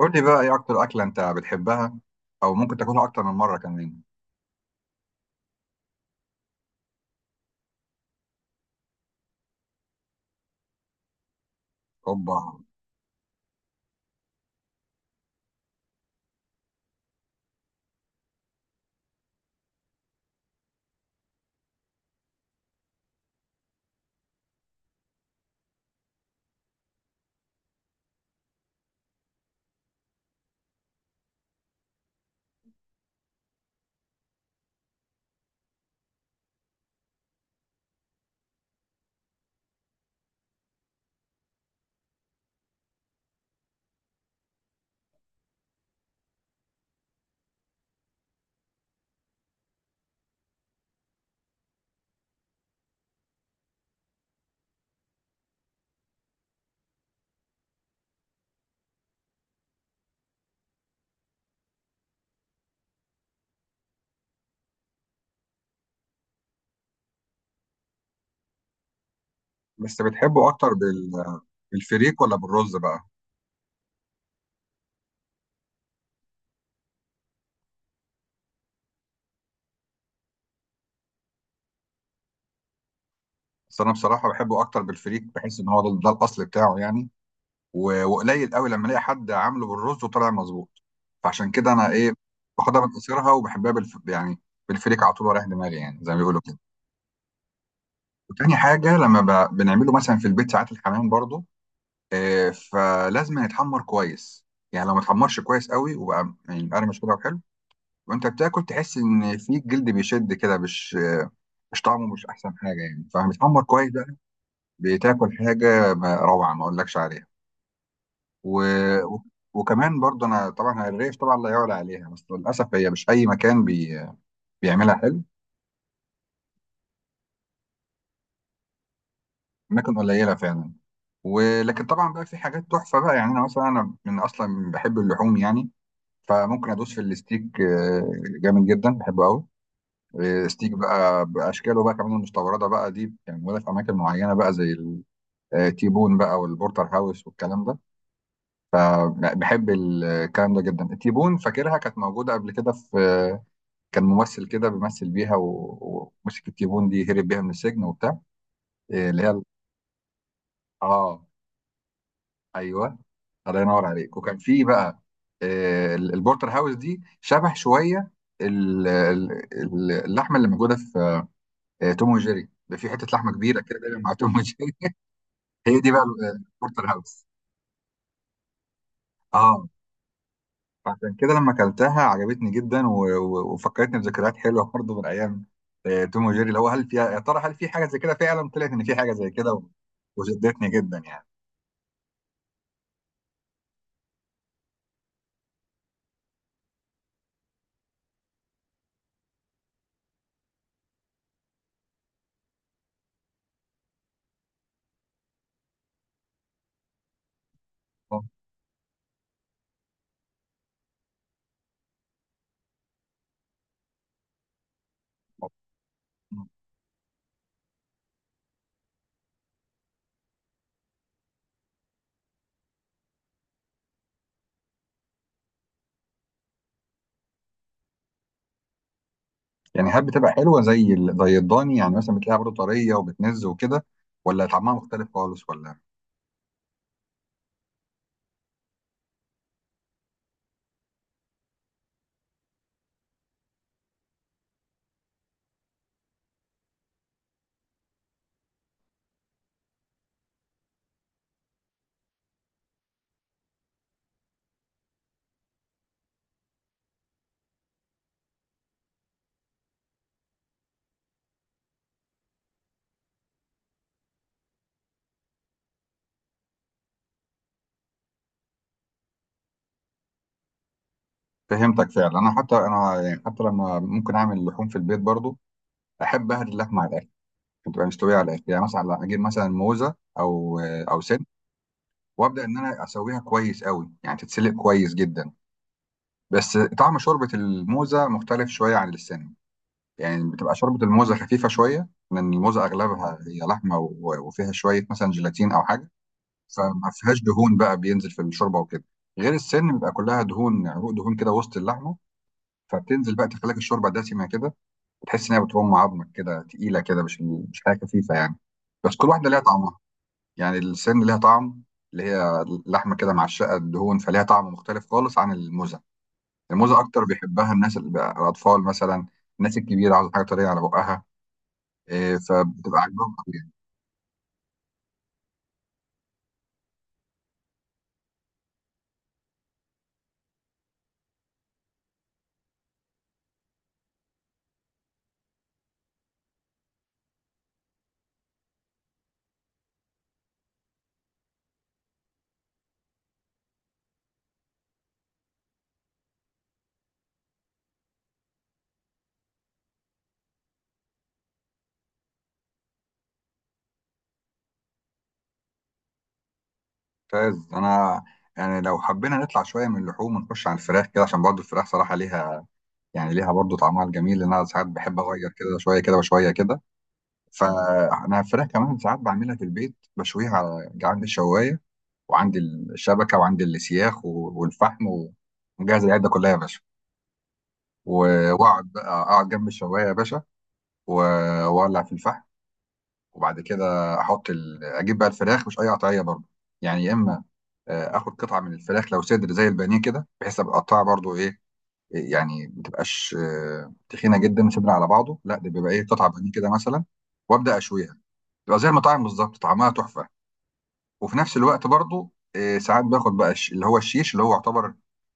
قول لي بقى ايه اكتر اكله انت بتحبها او ممكن تاكلها اكتر من مره كمان. اوبا. بس بتحبه اكتر بالفريك ولا بالرز بقى؟ بس انا بصراحه بحبه اكتر بالفريك، بحس ان هو ده الاصل بتاعه يعني. و... وقليل قوي لما الاقي حد عامله بالرز وطلع مظبوط، فعشان كده انا ايه، باخدها من قصيرها وبحبها يعني بالفريك على طول ورايح دماغي، يعني زي ما بيقولوا كده. وتاني حاجه لما بنعمله مثلا في البيت ساعات الحمام برضو، آه، فلازم يتحمر كويس. يعني لو ما اتحمرش كويس قوي وبقى يعني مقرمش كده وحلو، وانت بتاكل تحس ان في الجلد بيشد كده، مش طعمه مش احسن حاجه يعني. فبيتحمر كويس بقى، بتاكل حاجه روعه ما اقولكش عليها. و... و... وكمان برضه انا طبعا الريش طبعا لا يعلى عليها، بس للاسف هي مش اي مكان بيعملها حلو، اماكن قليله فعلا. ولكن طبعا بقى في حاجات تحفه بقى، يعني انا مثلا انا من اصلا بحب اللحوم يعني، فممكن ادوس في الستيك، آه، جامد جدا بحبه قوي. آه، ستيك بقى باشكاله بقى، كمان المستورده بقى دي يعني موجوده في اماكن معينه بقى، زي آه، تيبون بقى والبورتر هاوس والكلام ده. آه، بحب الكلام ده جدا. تيبون فاكرها كانت موجودة قبل كده في آه، كان ممثل كده بيمثل بيها و- ومسك التيبون دي هرب بيها من السجن وبتاع، آه، اه، ايوه. الله ينور عليك. وكان في بقى آه، البورتر هاوس دي شبه شوية اللحمة اللي موجودة في آه، توم وجيري، ده في حتة لحمة كبيرة كده دايما مع توم وجيري هي دي بقى البورتر هاوس. اه، عشان كده لما اكلتها عجبتني جدا، و... و... وفكرتني بذكريات حلوه برضه من ايام آه، توم وجيري، اللي هو هل فيها يا ترى، هل في حاجه زي كده؟ فعلا طلعت ان في حاجه زي كده، و... وشدتني جدا يعني. يعني هل بتبقى حلوه زي الضاني؟ يعني مثلا بتلاقيها برضه طريه وبتنز وكده، ولا طعمها مختلف خالص ولا؟ فهمتك فعلا. انا حتى انا يعني حتى لما ممكن اعمل لحوم في البيت برضه، احب اهري اللحمه على الاخر، بتبقى مستويه على الاخر. يعني مثلا اجيب مثلا موزه او آه، او سن، وابدا ان انا اسويها كويس قوي، يعني تتسلق كويس جدا. بس طعم شوربه الموزه مختلف شويه عن اللسان، يعني بتبقى شوربه الموزه خفيفه شويه لان الموزه اغلبها هي لحمه و- وفيها شويه مثلا جيلاتين او حاجه، فما فيهاش دهون بقى بينزل في الشوربه وكده. غير السن بيبقى كلها دهون، عروق دهون كده وسط اللحمه، فبتنزل بقى تخليك الشوربه دسمه كده، بتحس انها بترم عظمك كده تقيله كده، مش حاجه خفيفه يعني. بس كل واحده ليها طعم، يعني السن ليها طعم، اللي هي لحمة كده معشقة الدهون، فليها طعم مختلف خالص عن الموزة. الموزة أكتر بيحبها الناس، الأطفال مثلا. الناس الكبيرة عاوزة حاجة طرية على بقها، إيه، فبتبقى عاجبهم أوي يعني. ممتاز. أنا يعني لو حبينا نطلع شوية من اللحوم ونخش على الفراخ كده، عشان برضه الفراخ صراحة ليها يعني ليها برضه طعمها الجميل، لأن أنا ساعات بحب أغير كده شوية كده وشوية كده. فأنا الفراخ كمان ساعات بعملها في البيت، بشويها على عند الشواية. وعندي الشبكه وعندي السياخ و- والفحم و- ومجهز العده كلها يا باشا، و- واقعد بقى اقعد جنب الشوايه يا باشا، و- واولع في الفحم. وبعد كده احط اجيب بقى الفراخ، مش اي قطعيه برضه. يعني يا اما آه، اخد قطعه من الفراخ لو صدر زي البانيه كده، بحيث ابقى اقطعها برضه ايه، يعني ما تبقاش آه، تخينه جدا صدر على بعضه، لا، ده بيبقى ايه، قطعه بانيه كده مثلا، وابدا اشويها. تبقى زي المطاعم بالظبط، طعمها تحفه. وفي نفس الوقت برضو آه، ساعات باخد بقى اللي هو الشيش، اللي هو يعتبر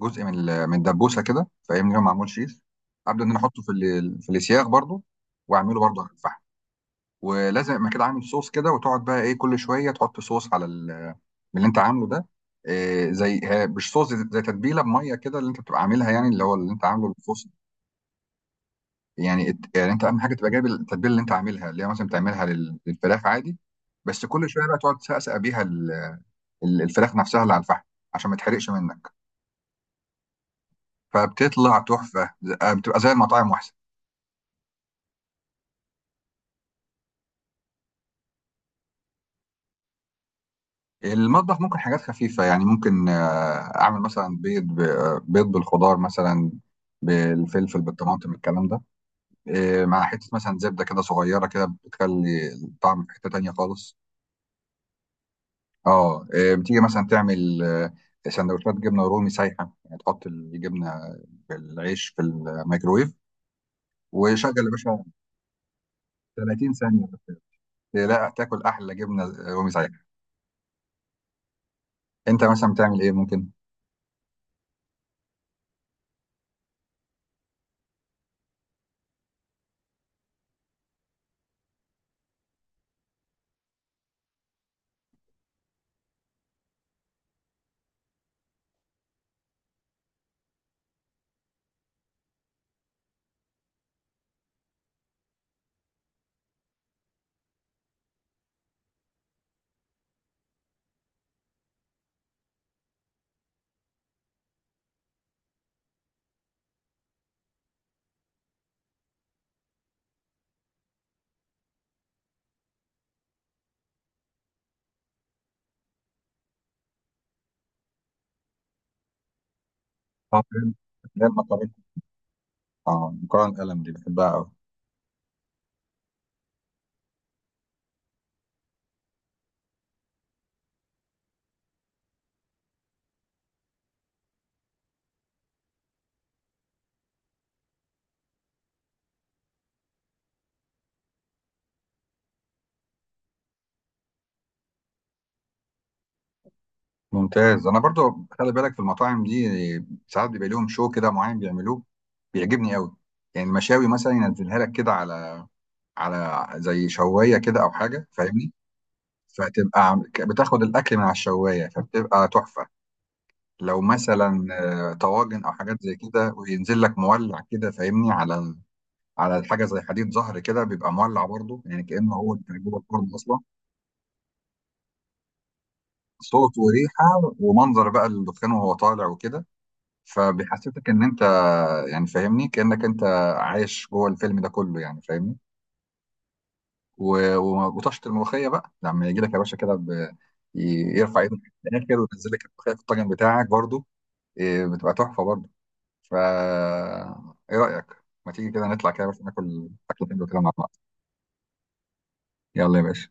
جزء من من الدبوسه كده فاهمني، هو معمول شيش، ابدا ان انا احطه في في السياخ برضو، واعمله برضو على الفحم. ولازم ما كده عامل صوص كده، وتقعد بقى ايه كل شويه تحط صوص على من اللي انت عامله ده، آه، زي مش صوص، زي تتبيله بميه كده اللي انت بتبقى عاملها، يعني اللي هو اللي انت عامله الصوص. يعني انت اهم حاجه تبقى جايب التتبيله اللي انت عاملها، اللي هي مثلا بتعملها لل- للفراخ عادي، بس كل شويه بقى تقعد تسقسق بيها الفراخ نفسها اللي على الفحم، عشان ما تحرقش منك، فبتطلع تحفه، آه، بتبقى زي المطاعم واحسن. المطبخ ممكن حاجات خفيفه يعني، ممكن آه، اعمل مثلا آه، بيض بالخضار مثلا، بالفلفل بالطماطم الكلام ده، آه، مع حته مثلا زبده كده صغيره كده، بتخلي الطعم في حته تانيه خالص. اه، آه، بتيجي مثلا تعمل آه، سندوتشات جبنه رومي سايحه، يعني تحط الجبنه بالعيش في الميكرويف، وشغل يا باشا، 30 ثانيه، لا تاكل احلى جبنه رومي سايحه. انت مثلا بتعمل ايه ممكن؟ اه، فاهم. اللي هي المكرونه، اه، مكرونه قلم دي بحبها قوي. ممتاز. انا برضو خلي بالك، في المطاعم دي ساعات بيبقى لهم شو كده معين بيعملوه، بيعجبني قوي. يعني المشاوي مثلا ينزلها لك كده على على زي شوايه كده او حاجه فاهمني، فتبقى بتاخد الاكل من على الشوايه فبتبقى تحفه. لو مثلا آه، طواجن او حاجات زي كده، وينزل لك مولع كده فاهمني، على على حاجه زي حديد ظهر كده، بيبقى مولع برضو، يعني كانه هو جوه الفرن اصلا. صوت وريحة ومنظر بقى الدخان وهو طالع وكده، فبيحسسك ان انت يعني فاهمني كأنك انت عايش جوه الفيلم ده كله، يعني فاهمني. و- و- وطشت الملوخية بقى لما يجي لك يا باشا كده، يرفع ايده في الاخر وينزل لك الملوخية في الطاجن بتاعك برضو، إيه، بتبقى تحفة برضو. فا ايه رأيك، ما تيجي كده نطلع كده بس ناكل اكل حلو كده مع بعض؟ يلا يا باشا.